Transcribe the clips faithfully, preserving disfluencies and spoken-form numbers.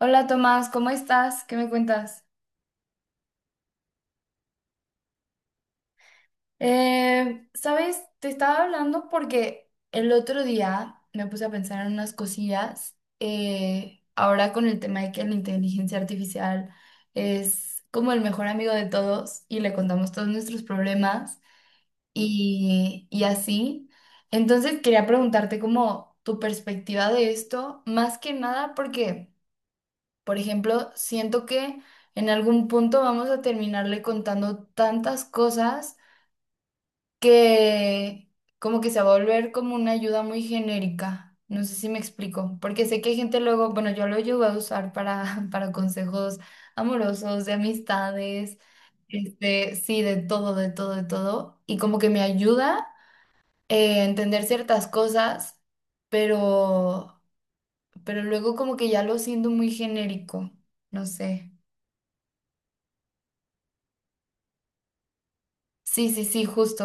Hola Tomás, ¿cómo estás? ¿Qué me cuentas? Eh, ¿sabes? Te estaba hablando porque el otro día me puse a pensar en unas cosillas. Eh, ahora con el tema de que la inteligencia artificial es como el mejor amigo de todos y le contamos todos nuestros problemas y, y así. Entonces quería preguntarte como tu perspectiva de esto, más que nada porque... Por ejemplo, siento que en algún punto vamos a terminarle contando tantas cosas que como que se va a volver como una ayuda muy genérica. No sé si me explico, porque sé que hay gente luego, bueno, yo lo llevo a usar para, para consejos amorosos, de amistades, este, sí, de todo, de todo, de todo. Y como que me ayuda eh, a entender ciertas cosas, pero, pero luego como que ya lo siento muy genérico, no sé. Sí, sí, sí, justo.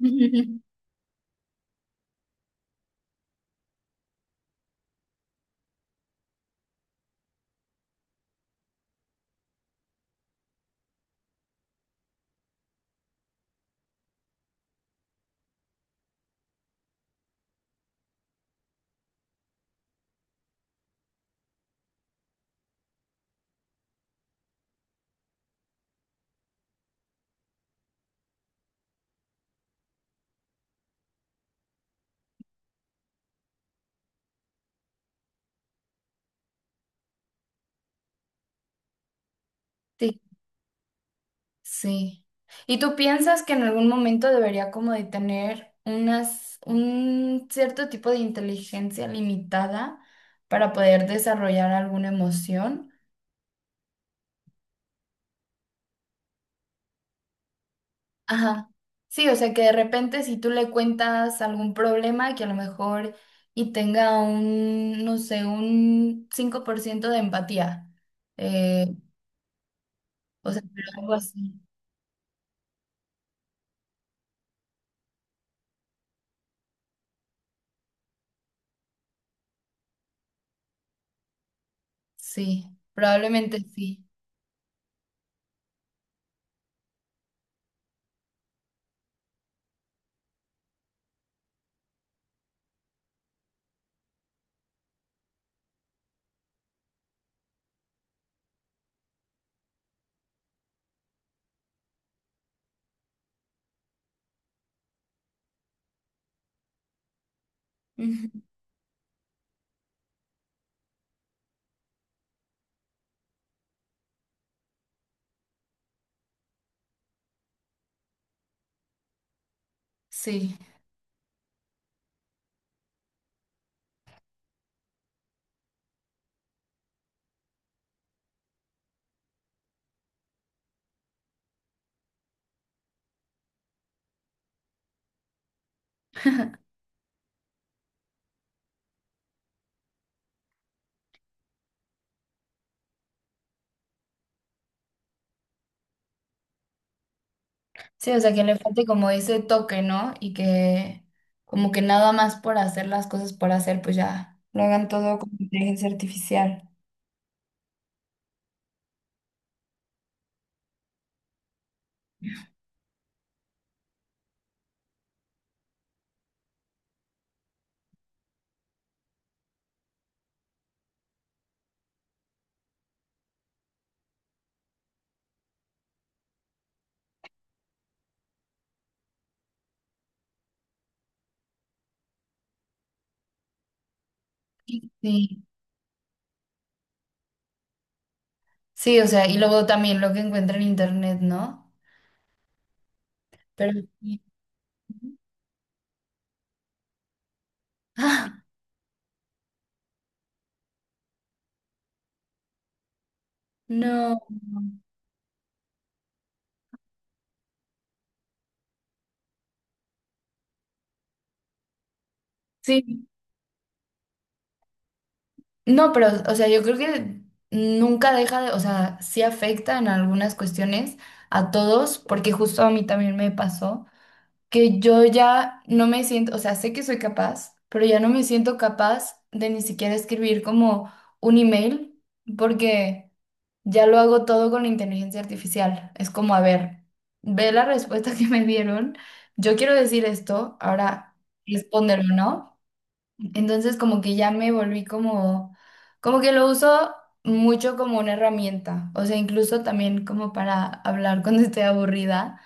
Sí, sí. ¿Y tú piensas que en algún momento debería como de tener unas, un cierto tipo de inteligencia limitada para poder desarrollar alguna emoción? Ajá. Sí, o sea que de repente si tú le cuentas algún problema que a lo mejor y tenga un, no sé, un cinco por ciento de empatía. eh, o sea, pero algo así. Sí, probablemente sí. Ujú. Sí. Sí, o sea, que le falte como ese toque, ¿no? Y que como que nada más por hacer las cosas por hacer, pues ya lo hagan todo con inteligencia artificial. Sí, sí, o sea, y luego también lo que encuentra en internet, ¿no? Pero sí. ¡Ah! No, sí, no, pero, o sea, yo creo que nunca deja de, o sea, sí afecta en algunas cuestiones a todos, porque justo a mí también me pasó. Que yo ya no me siento, o sea, sé que soy capaz, pero ya no me siento capaz de ni siquiera escribir como un email, porque ya lo hago todo con la inteligencia artificial. Es como, a ver, ve la respuesta que me dieron, yo quiero decir esto, ahora respóndelo, ¿no? Entonces como que ya me volví como, como que lo uso mucho como una herramienta, o sea, incluso también como para hablar cuando estoy aburrida.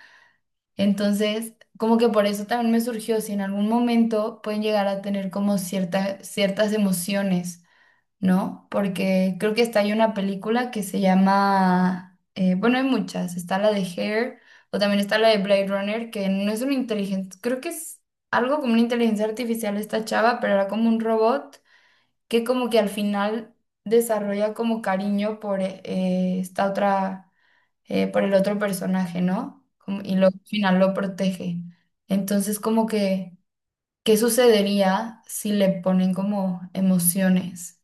Entonces, como que por eso también me surgió si en algún momento pueden llegar a tener como cierta- ciertas emociones, ¿no? Porque creo que está ahí una película que se llama, eh, bueno, hay muchas, está la de Hair o también está la de Blade Runner, que no es una inteligencia, creo que es algo como una inteligencia artificial esta chava, pero era como un robot que como que al final desarrolla como cariño por eh, esta otra eh, por el otro personaje, ¿no? Como- y luego al final lo protege. Entonces, como que, ¿qué sucedería si le ponen como emociones?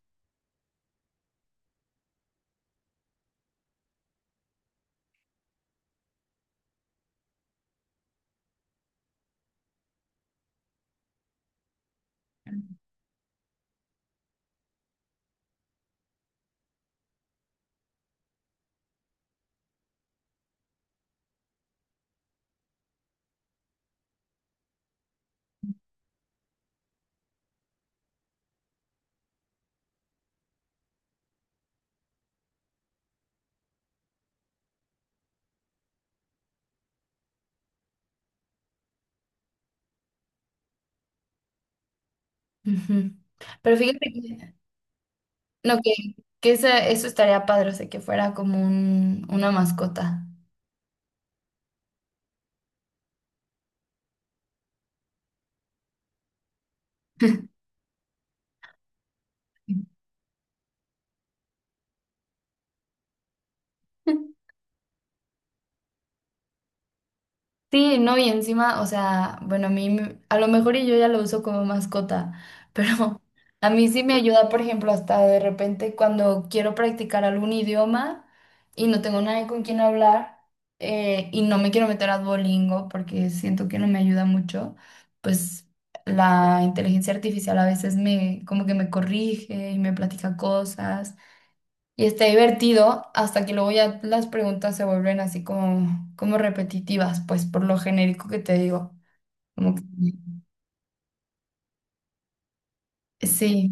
Ujú. Pero fíjate que, no, que, que esa- eso estaría padre, o sea, que fuera como un- una mascota. Sí, no, y encima, o sea, bueno, a mí, me- a lo mejor y yo ya lo uso como mascota, pero a mí sí me ayuda, por ejemplo, hasta de repente cuando quiero practicar algún idioma y no tengo nadie con quien hablar eh, y no me quiero meter a Duolingo porque siento que no me ayuda mucho, pues la inteligencia artificial a veces me, como que me corrige y me platica cosas y está divertido hasta que luego ya las preguntas se vuelven así como, como repetitivas, pues por lo genérico que te digo. Como que, sí,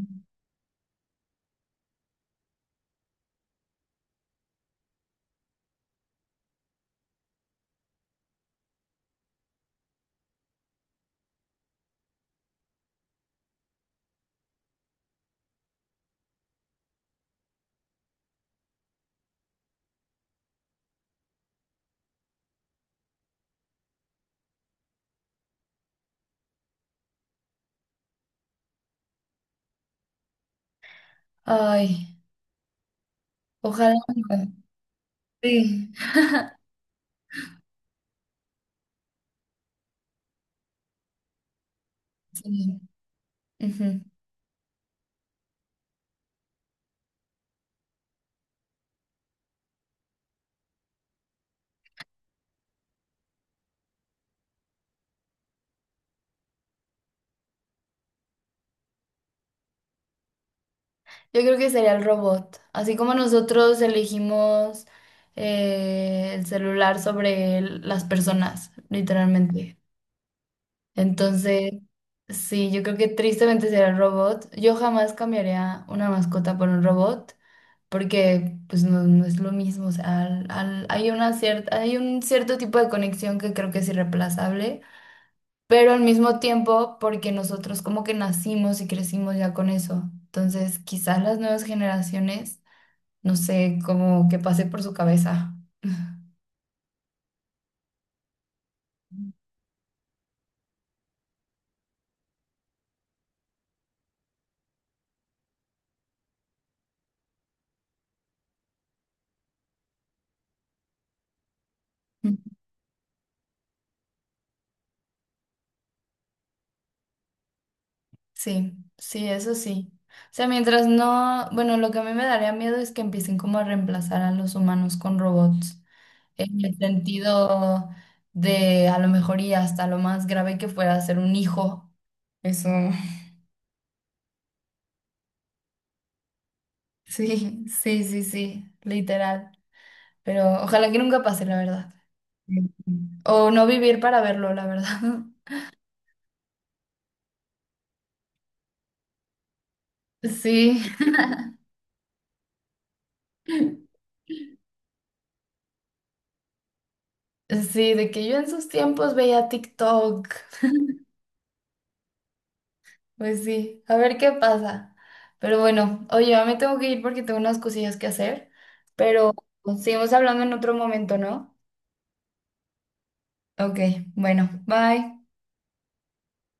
ay, ojalá. Sí, sí. Ujú. Yo creo que sería el robot. Así como nosotros elegimos eh, el celular sobre el- las personas, literalmente. Entonces, sí, yo creo que tristemente sería el robot. Yo jamás cambiaría una mascota por un robot. Porque pues no, no es lo mismo, o sea, al- al- hay una cierta, hay un cierto tipo de conexión que creo que es irreemplazable, pero al mismo tiempo porque nosotros como que nacimos y crecimos ya con eso, entonces quizás las nuevas generaciones, no sé, como que pase por su cabeza. Sí, sí, eso sí. O sea, mientras no, bueno, lo que a mí me daría miedo es que empiecen como a reemplazar a los humanos con robots, en el sentido de a lo mejor y hasta lo más grave que fuera ser un hijo. Eso, sí, sí, sí, sí, literal. Pero ojalá que nunca pase, la verdad. Sí. O no vivir para verlo, la verdad. Sí, sí, de que yo en sus tiempos veía TikTok. Pues sí, a ver qué pasa. Pero bueno, oye, ya me tengo que ir porque tengo unas cosillas que hacer, pero seguimos hablando en otro momento, ¿no? Ok, bueno, bye.